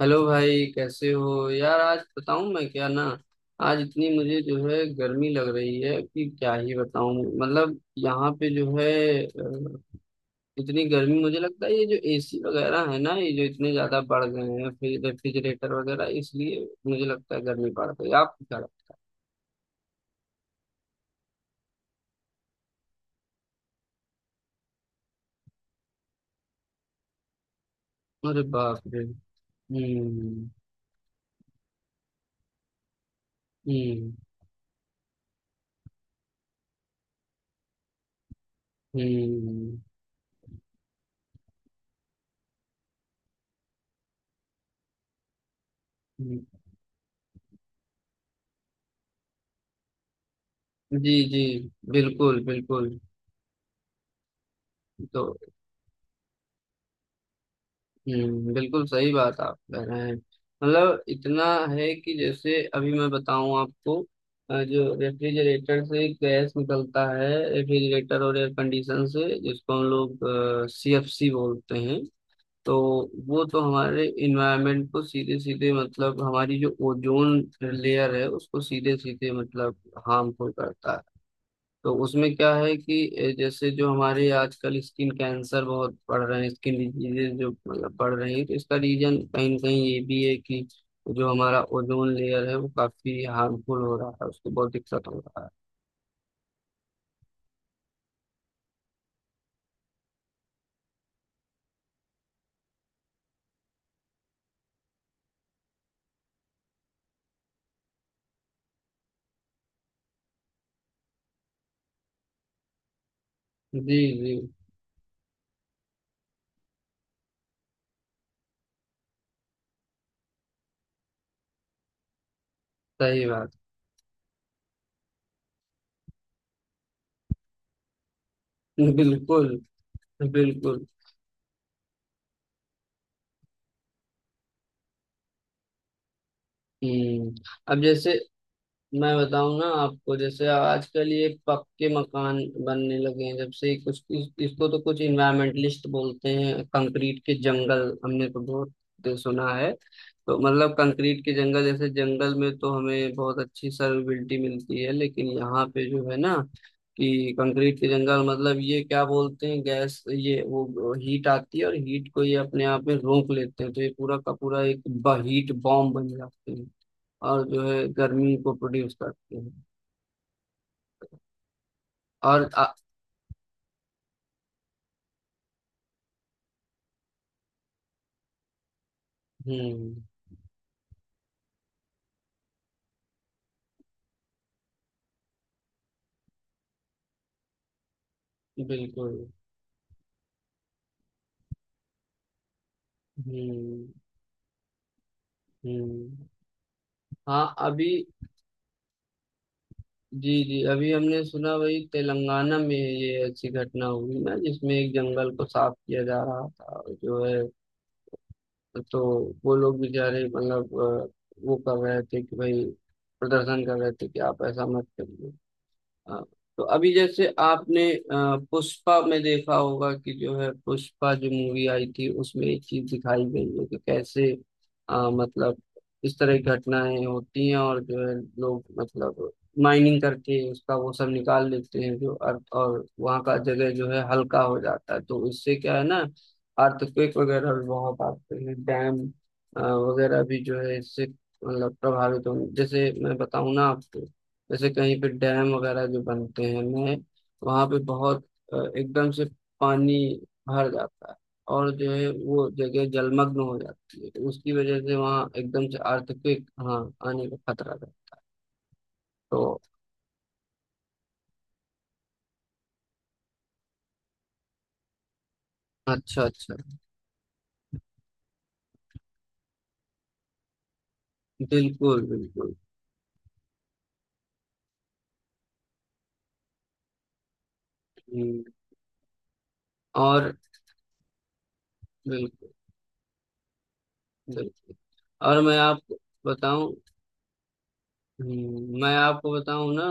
Hello भाई, कैसे हो यार। आज बताऊं मैं क्या ना, आज इतनी मुझे जो है गर्मी लग रही है कि क्या ही बताऊं। मतलब यहाँ पे जो है अ, इतनी गर्मी, मुझे लगता है ये जो एसी वगैरह है ना, ये जो इतने ज्यादा बढ़ गए हैं, फिर रेफ्रिजरेटर वगैरह, इसलिए मुझे लगता है गर्मी बढ़ गई। आप क्या लगता है? अरे बाप रे। हम्म। हम्म। हम्म। हम्म। जी जी। बिल्कुल बिल्कुल। तो बिल्कुल सही बात आप कह रहे हैं, मतलब इतना है कि जैसे अभी मैं बताऊं आपको, जो रेफ्रिजरेटर से गैस निकलता है। रेफ्रिजरेटर और एयर कंडीशन से, जिसको हम लोग सीएफसी बोलते हैं, तो वो तो हमारे इन्वायरमेंट को सीधे सीधे, मतलब हमारी जो ओजोन लेयर है उसको सीधे सीधे मतलब हार्मफुल करता है। तो उसमें क्या है कि जैसे जो हमारे आजकल स्किन कैंसर बहुत बढ़ रहे हैं, स्किन डिजीजेज जो मतलब बढ़ रही हैं, तो इसका रीजन कहीं ना कहीं ये भी है कि जो हमारा ओजोन लेयर है वो काफी हार्मफुल हो रहा है, उसको बहुत दिक्कत हो रहा है। जी जी। सही बात। बिल्कुल। बिल्कुल। हम्म। अब जैसे मैं बताऊं ना आपको, जैसे आजकल ये पक्के मकान बनने लगे हैं, जब से ही कुछ इसको तो कुछ इन्वायरमेंटलिस्ट बोलते हैं कंक्रीट के जंगल, हमने तो बहुत सुना है। तो मतलब कंक्रीट के जंगल, जैसे जंगल में तो हमें बहुत अच्छी सर्विलिटी मिलती है, लेकिन यहाँ पे जो है ना, कि कंक्रीट के जंगल मतलब ये क्या बोलते हैं, गैस ये वो हीट आती है और हीट को ये अपने आप में रोक लेते हैं, तो ये पूरा का पूरा एक हीट बॉम्ब बन जाते हैं और जो है गर्मी को प्रोड्यूस करते हैं। और हम्म। बिल्कुल। हम्म। हम्म। हाँ अभी, जी जी, अभी हमने सुना वही तेलंगाना में, ये अच्छी घटना हुई ना जिसमें एक जंगल को साफ किया जा रहा था और जो है, तो वो लोग बेचारे मतलब वो कर रहे थे कि भाई, प्रदर्शन कर रहे थे कि आप ऐसा मत करिए। हाँ। तो अभी जैसे आपने पुष्पा में देखा होगा कि जो है, पुष्पा जो मूवी आई थी उसमें एक चीज दिखाई गई है कि कैसे मतलब इस तरह की घटनाएं होती हैं, और जो है लोग मतलब माइनिंग करके उसका वो सब निकाल लेते हैं जो अर्थ, और वहाँ का जगह जो है हल्का हो जाता है, तो उससे क्या है ना अर्थक्वेक वगैरह भी बहुत आते हैं। डैम वगैरह भी जो है इससे मतलब प्रभावित होंगे। जैसे मैं बताऊँ ना आपको, जैसे कहीं पे डैम वगैरह जो बनते हैं नए, वहाँ पे बहुत एकदम से पानी भर जाता है, और जो है वो जगह जलमग्न हो जाती है, तो उसकी वजह से वहाँ एकदम से अर्थक्वेक, हाँ, आने का खतरा था। तो। अच्छा अच्छा। बिल्कुल बिल्कुल। हम्म, और बिल्कुल बिल्कुल, और मैं आपको बताऊं। मैं आपको बताऊं ना,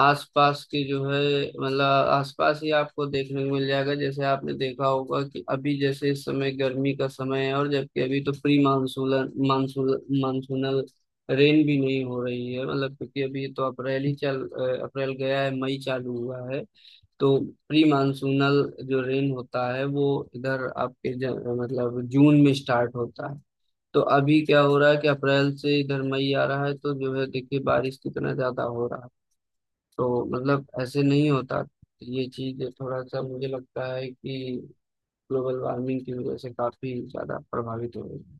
आसपास के जो है मतलब आसपास ही आपको देखने को मिल जाएगा। जैसे आपने देखा होगा कि अभी जैसे इस समय गर्मी का समय है, और जबकि अभी तो pre monsoonal monsoon monsoonal rain भी नहीं हो रही है, मतलब क्योंकि अभी तो अप्रैल ही अप्रैल गया है, मई चालू हुआ है। तो प्री मानसूनल जो रेन होता है, वो इधर आपके मतलब जून में स्टार्ट होता है। तो अभी क्या हो रहा है कि अप्रैल से इधर मई आ रहा है, तो जो है देखिए बारिश कितना ज्यादा हो रहा है, तो मतलब ऐसे नहीं होता। ये चीज थोड़ा सा मुझे लगता है कि ग्लोबल वार्मिंग की वजह से काफी ज्यादा प्रभावित हो रही है।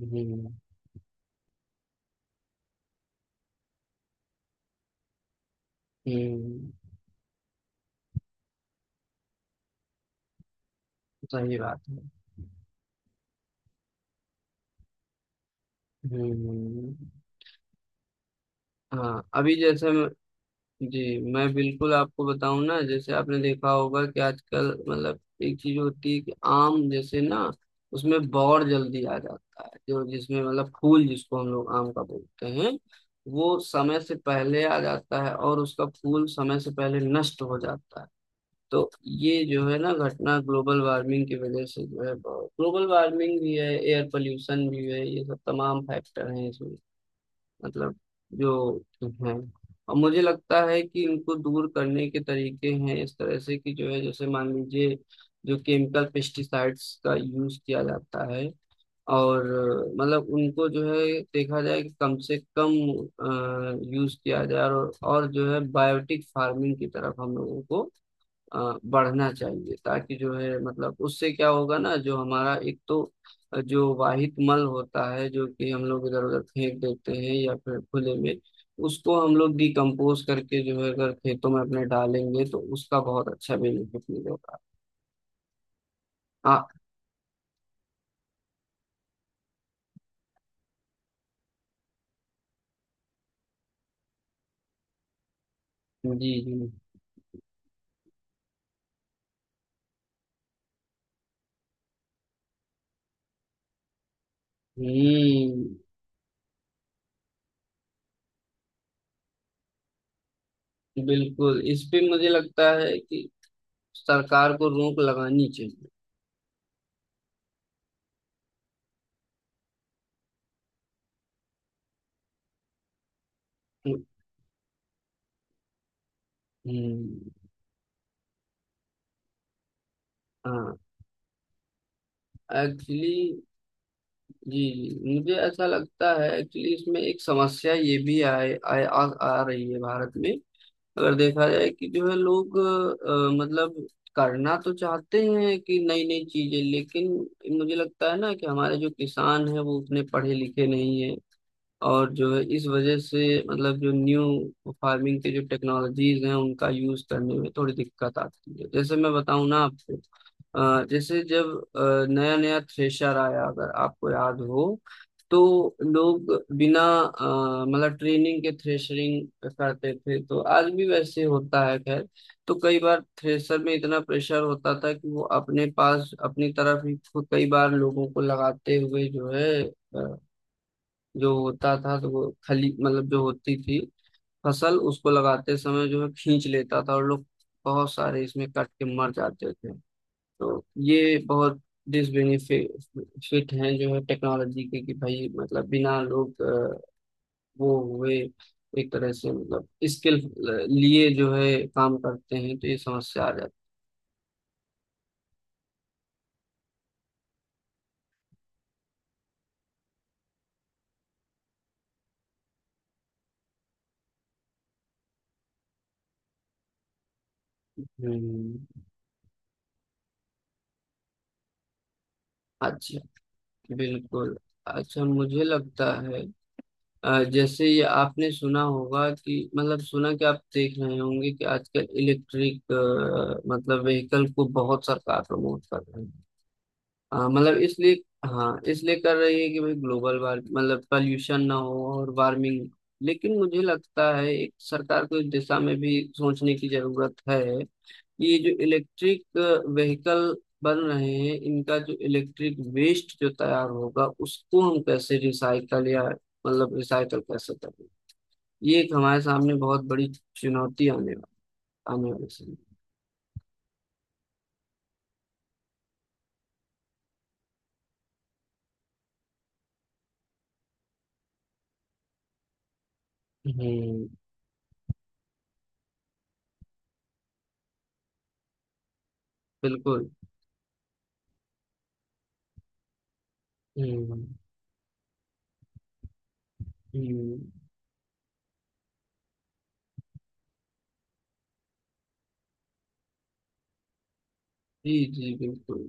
हम्म। हम्म। सही बात है। हम्म। हाँ अभी जैसे, जी, मैं बिल्कुल आपको बताऊं ना, जैसे आपने देखा होगा कि आजकल मतलब एक चीज होती है कि आम जैसे ना, उसमें बौर जल्दी आ जाता है, जो जिसमें मतलब फूल जिसको हम लोग आम का बोलते हैं, वो समय से पहले आ जाता है और उसका फूल समय से पहले नष्ट हो जाता है। तो ये जो है ना घटना ग्लोबल वार्मिंग की वजह से जो है, ग्लोबल वार्मिंग भी है, एयर पोल्यूशन भी है, ये सब तमाम फैक्टर हैं इसमें, मतलब जो है। और मुझे लगता है कि इनको दूर करने के तरीके हैं इस तरह से कि जो है जैसे मान लीजिए जो केमिकल पेस्टिसाइड्स का यूज किया जाता है, और मतलब उनको जो है देखा जाए कि कम से कम यूज किया जाए, और जो है बायोटिक फार्मिंग की तरफ हम लोगों को बढ़ना चाहिए, ताकि जो है मतलब उससे क्या होगा ना, जो हमारा एक तो जो वाहित मल होता है जो कि हम लोग इधर उधर फेंक देते हैं या फिर खुले में, उसको हम लोग डिकम्पोज करके जो है अगर खेतों में अपने डालेंगे तो उसका बहुत अच्छा बेनिफिट मिलेगा। हाँ। जी जी। हम्म बिल्कुल, इस पे मुझे लगता है कि सरकार को रोक लगानी चाहिए। हम्म, हाँ। एक्चुअली। जी जी, मुझे ऐसा लगता है एक्चुअली इसमें एक समस्या ये भी आए, आए आ, आ रही है भारत में। अगर देखा जाए कि जो है लोग मतलब करना तो चाहते हैं कि नई नई चीजें, लेकिन मुझे लगता है ना कि हमारे जो किसान हैं वो उतने पढ़े लिखे नहीं है, और जो है इस वजह से मतलब जो न्यू फार्मिंग के जो टेक्नोलॉजीज हैं उनका यूज करने में थोड़ी दिक्कत आती है। जैसे मैं बताऊं ना आपको, जैसे जब नया नया थ्रेशर आया, अगर आपको याद हो, तो लोग बिना मतलब ट्रेनिंग के थ्रेशरिंग करते थे, तो आज भी वैसे होता है। खैर, तो कई बार थ्रेशर में इतना प्रेशर होता था कि वो अपने पास अपनी तरफ ही खुद कई बार लोगों को लगाते हुए जो है जो होता था, तो वो खली मतलब जो होती थी फसल, उसको लगाते समय जो है खींच लेता था, और लोग बहुत सारे इसमें कट के मर जाते थे। तो ये बहुत डिसबेनिफिट हैं जो है टेक्नोलॉजी के, कि भाई मतलब बिना लोग वो हुए एक तरह से, मतलब स्किल लिए जो है काम करते हैं तो ये समस्या आ जाती है। हम्म। अच्छा। बिल्कुल। अच्छा, मुझे लगता है जैसे ये आपने सुना होगा कि मतलब सुना, कि आप देख रहे होंगे कि आजकल इलेक्ट्रिक मतलब व्हीकल को बहुत सरकार प्रमोट कर रही है, मतलब इसलिए। हाँ इसलिए कर रही है कि भाई ग्लोबल वार्म, मतलब पॉल्यूशन ना हो और वार्मिंग। लेकिन मुझे लगता है एक सरकार को इस दिशा में भी सोचने की जरूरत है, कि ये जो इलेक्ट्रिक व्हीकल बन रहे हैं, इनका जो इलेक्ट्रिक वेस्ट जो तैयार होगा, उसको हम कैसे रिसाइकल या मतलब रिसाइकल कैसे करें, ये एक हमारे सामने बहुत बड़ी चुनौती आने वाली समय। हम्म। बिल्कुल। हम्म। हम्म। जी जी। बिल्कुल।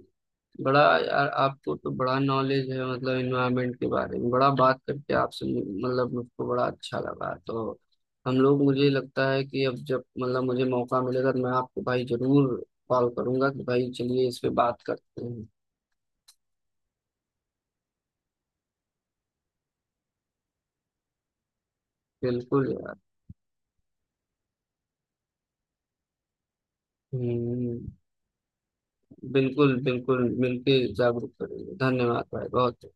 बड़ा यार, आपको तो बड़ा नॉलेज है, मतलब इन्वायरमेंट के बारे में, बड़ा बात करके आपसे मतलब मुझको बड़ा अच्छा लगा। तो हम लोग, मुझे लगता है कि अब जब मतलब मुझे मौका मिलेगा, तो मैं आपको भाई जरूर कॉल करूंगा कि भाई चलिए इस पे बात करते हैं। बिल्कुल यार। हम्म। बिल्कुल बिल्कुल मिलके जागरूक करेंगे। धन्यवाद भाई बहुत।